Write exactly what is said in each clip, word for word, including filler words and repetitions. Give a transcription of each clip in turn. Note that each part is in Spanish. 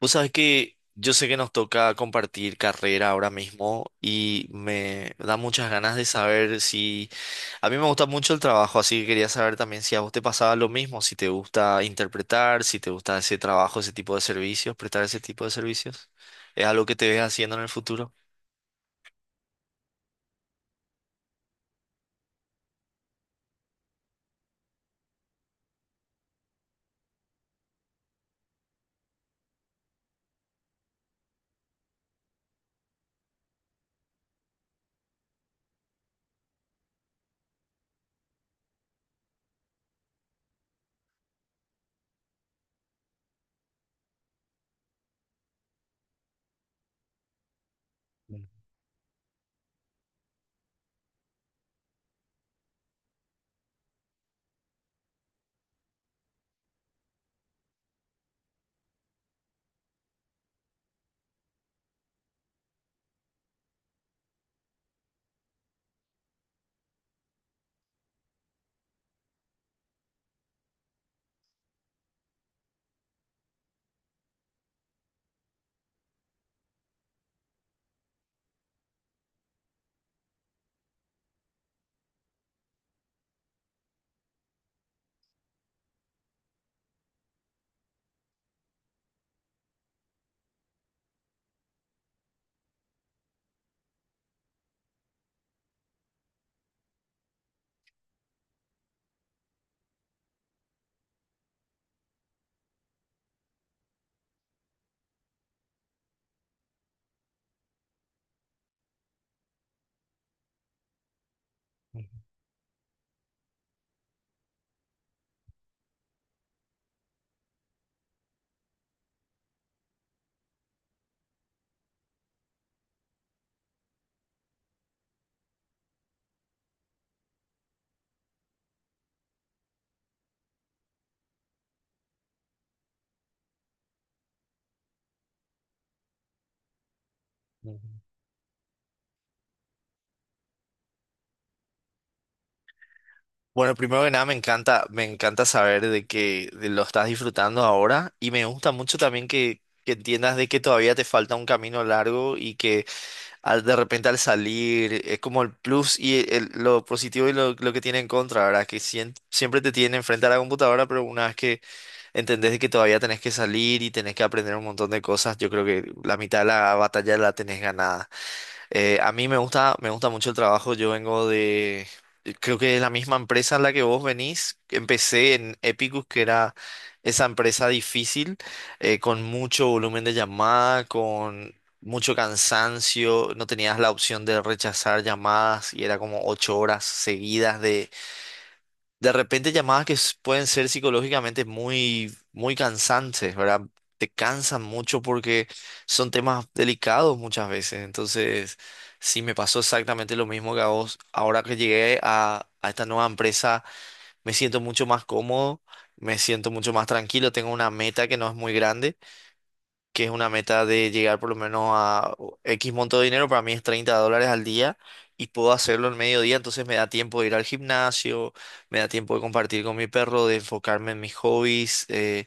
Vos sabés que yo sé que nos toca compartir carrera ahora mismo y me da muchas ganas de saber si. A mí me gusta mucho el trabajo, así que quería saber también si a vos te pasaba lo mismo, si te gusta interpretar, si te gusta ese trabajo, ese tipo de servicios, prestar ese tipo de servicios. ¿Es algo que te ves haciendo en el futuro? Mm, mm, mm. Bueno, primero que nada me encanta, me encanta saber de que de lo estás disfrutando ahora y me gusta mucho también que, que entiendas de que todavía te falta un camino largo y que al- de repente al salir, es como el plus y el- lo positivo y lo, lo que tiene en contra, ¿verdad? Que sien- siempre te tiene enfrente a la computadora, pero una vez que entendés de que todavía tenés que salir y tenés que aprender un montón de cosas, yo creo que la mitad de la batalla la tenés ganada. Eh, a mí me gusta, me gusta mucho el trabajo. Yo vengo de, creo que es la misma empresa en la que vos venís. Empecé en Epicus, que era esa empresa difícil, eh, con mucho volumen de llamada, con mucho cansancio. No tenías la opción de rechazar llamadas y era como ocho horas seguidas de repente llamadas que s- pueden ser psicológicamente muy, muy cansantes, ¿verdad? Te cansan mucho porque son temas delicados muchas veces. Entonces, sí, me pasó exactamente lo mismo que a vos. Ahora que llegué a, a esta nueva empresa, me siento mucho más cómodo, me siento mucho más tranquilo, tengo una meta que no es muy grande que es una meta de llegar por lo menos a X monto de dinero, para mí es treinta dólares al día y puedo hacerlo en mediodía, entonces me da tiempo de ir al gimnasio, me da tiempo de compartir con mi perro, de enfocarme en mis hobbies, eh,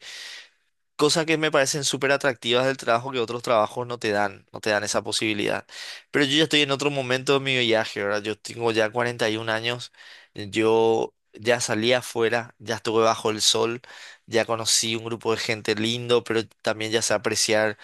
cosas que me parecen súper atractivas del trabajo que otros trabajos no te dan, no te dan esa posibilidad. Pero yo ya estoy en otro momento de mi viaje, ¿verdad? Yo tengo ya cuarenta y un años, yo. Ya salí afuera, ya estuve bajo el sol, ya conocí un grupo de gente lindo, pero también ya sé apreciar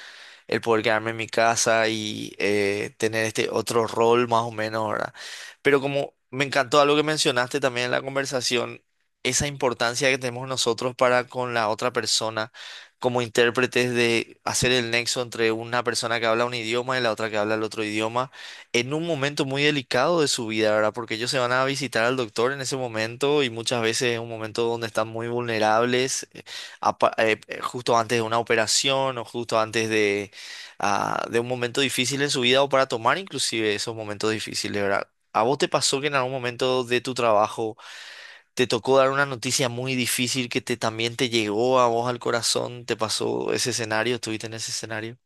el poder quedarme en mi casa y eh, tener este otro rol más o menos, ¿verdad? Pero como me encantó algo que mencionaste también en la conversación, esa importancia que tenemos nosotros para con la otra persona como intérpretes de hacer el nexo entre una persona que habla un idioma y la otra que habla el otro idioma en un momento muy delicado de su vida, ¿verdad? Porque ellos se van a visitar al doctor en ese momento y muchas veces es un momento donde están muy vulnerables eh, apa- eh, eh, justo antes de una operación o justo antes de ah, de un momento difícil en su vida o para tomar inclusive esos momentos difíciles, ¿verdad? ¿A vos te pasó que en algún momento de tu trabajo te tocó dar una noticia muy difícil que te, también te llegó a vos al corazón? ¿Te pasó ese escenario? ¿Estuviste en ese escenario?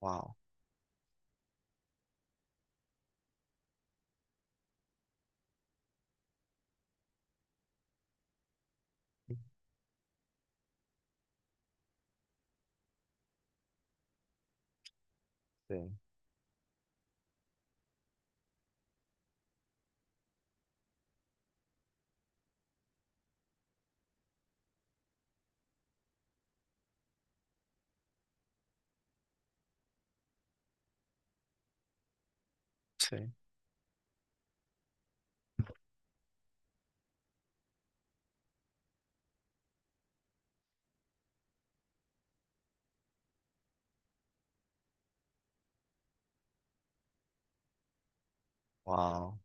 Wow. Sí, sí. Wow.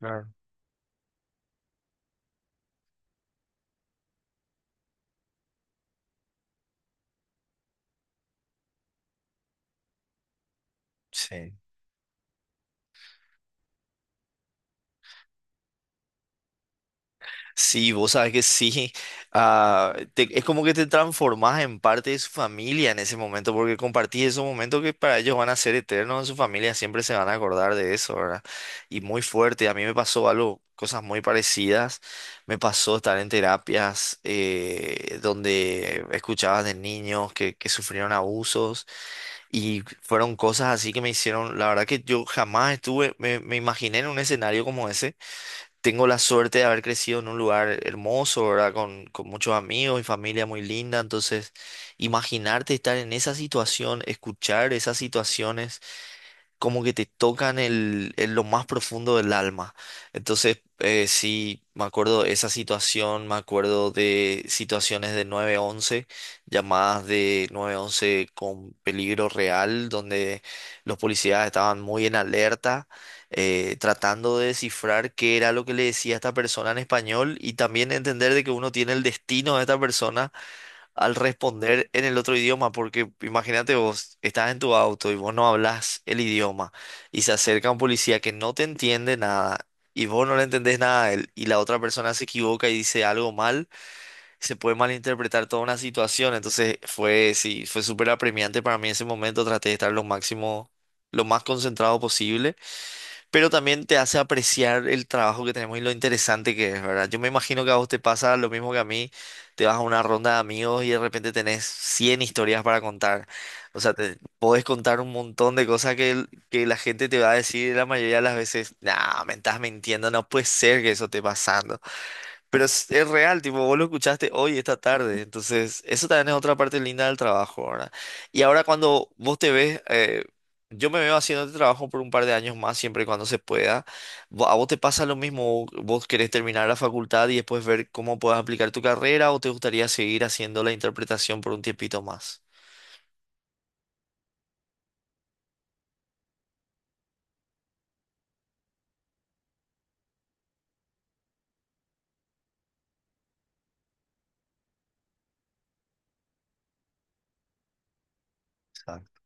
Claro. Sí. Sí, vos sabes que sí. Ah, te- es como que te transformás en parte de su familia en ese momento, porque compartís esos momentos que para ellos van a ser eternos en su familia, siempre se van a acordar de eso, ¿verdad? Y muy fuerte. A mí me pasó algo, cosas muy parecidas. Me pasó estar en terapias eh, donde escuchabas de niños que, que sufrieron abusos y fueron cosas así que me hicieron, la verdad que yo jamás estuve, me, me imaginé en un escenario como ese. Tengo la suerte de haber crecido en un lugar hermoso, ¿verdad? Con, con muchos amigos y familia muy linda. Entonces, imaginarte estar en esa situación, escuchar esas situaciones como que te tocan el, en lo más profundo del alma. Entonces, eh, sí, me acuerdo de esa situación, me acuerdo de situaciones de nueve once, llamadas de nueve once con peligro real, donde los policías estaban muy en alerta, eh, tratando de descifrar qué era lo que le decía esta persona en español y también entender de que uno tiene el destino de esta persona al responder en el otro idioma, porque imagínate vos, estás en tu auto y vos no hablas el idioma y se acerca un policía que no te entiende nada y vos no le entendés nada a él y la otra persona se equivoca y dice algo mal, se puede malinterpretar toda una situación, entonces fue, sí, fue súper apremiante para mí en ese momento, traté de estar lo máximo, lo más concentrado posible, pero también te hace apreciar el trabajo que tenemos y lo interesante que es, ¿verdad? Yo me imagino que a vos te pasa lo mismo que a mí, te vas a una ronda de amigos y de repente tenés cien historias para contar, o sea, te podés contar un montón de cosas que, el- que la gente te va a decir la mayoría de las veces, nah, me estás mintiendo, no puede ser que eso esté pasando. Pero es, es real, tipo, vos lo escuchaste hoy, esta tarde. Entonces, eso también es otra parte linda del trabajo, ¿verdad? Y ahora cuando vos te ves, eh, yo me veo haciendo este trabajo por un par de años más, siempre y cuando se pueda. Vo- ¿A vos te pasa lo mismo? ¿Vos querés terminar la facultad y después ver cómo puedes aplicar tu carrera o te gustaría seguir haciendo la interpretación por un tiempito más? Exacto.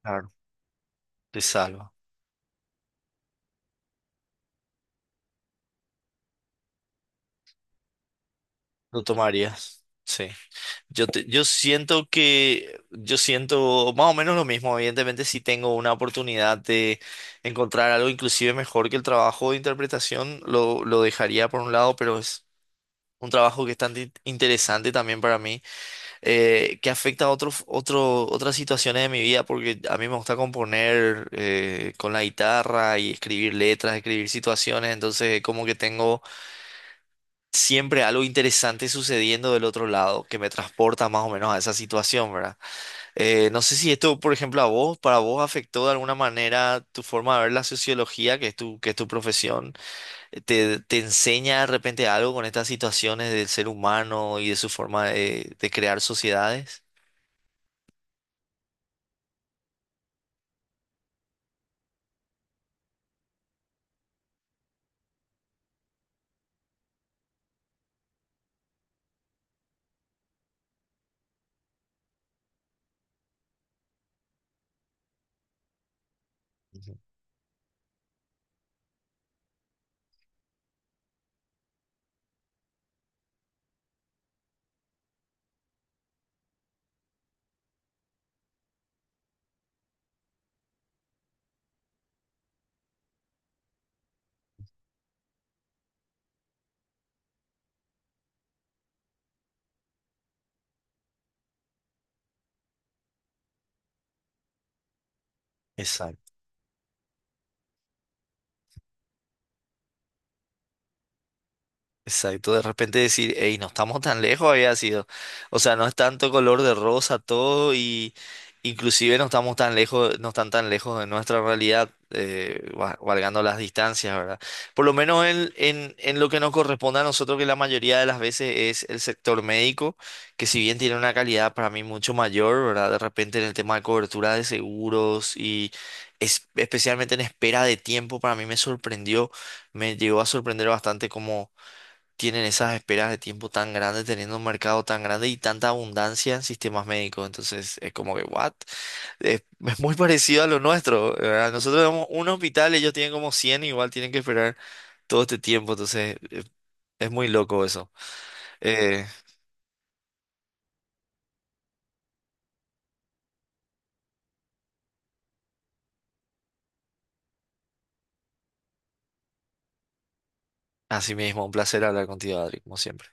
Claro. Te salva. Lo tomarías. Sí. Yo, te- yo siento que, yo siento más o menos lo mismo. Evidentemente, si tengo una oportunidad de encontrar algo inclusive mejor que el trabajo de interpretación, lo, lo dejaría por un lado, pero es un trabajo que es tan in- interesante también para mí, eh, que afecta a otros otro, otras situaciones de mi vida, porque a mí me gusta componer eh, con la guitarra y escribir letras, escribir situaciones, entonces como que tengo siempre algo interesante sucediendo del otro lado que me transporta más o menos a esa situación, ¿verdad? Eh, no sé si esto, por ejemplo, a vos, para vos afectó de alguna manera tu forma de ver la sociología, que es tu, que es tu profesión. Eh, te, te enseña de repente algo con estas situaciones del ser humano y de su forma de, de crear sociedades. Ujú. Exacto. Exacto, de repente decir, hey, no estamos tan lejos había sido. O sea, no es tanto color de rosa todo y inclusive no estamos tan lejos, no están tan lejos de nuestra realidad, eh, va- valgando las distancias, ¿verdad? Por lo menos en, en, en lo que nos corresponde a nosotros, que la mayoría de las veces es el sector médico, que si bien tiene una calidad para mí mucho mayor, ¿verdad? De repente en el tema de cobertura de seguros y es- especialmente en espera de tiempo, para mí me sorprendió, me llegó a sorprender bastante como tienen esas esperas de tiempo tan grandes, teniendo un mercado tan grande y tanta abundancia en sistemas médicos. Entonces es como que, ¿what? Es, es muy parecido a lo nuestro, ¿verdad? Nosotros tenemos un hospital, ellos tienen como cien, igual tienen que esperar todo este tiempo. Entonces eh, es muy loco eso. Eh, Así mismo, un placer hablar contigo, Adri, como siempre.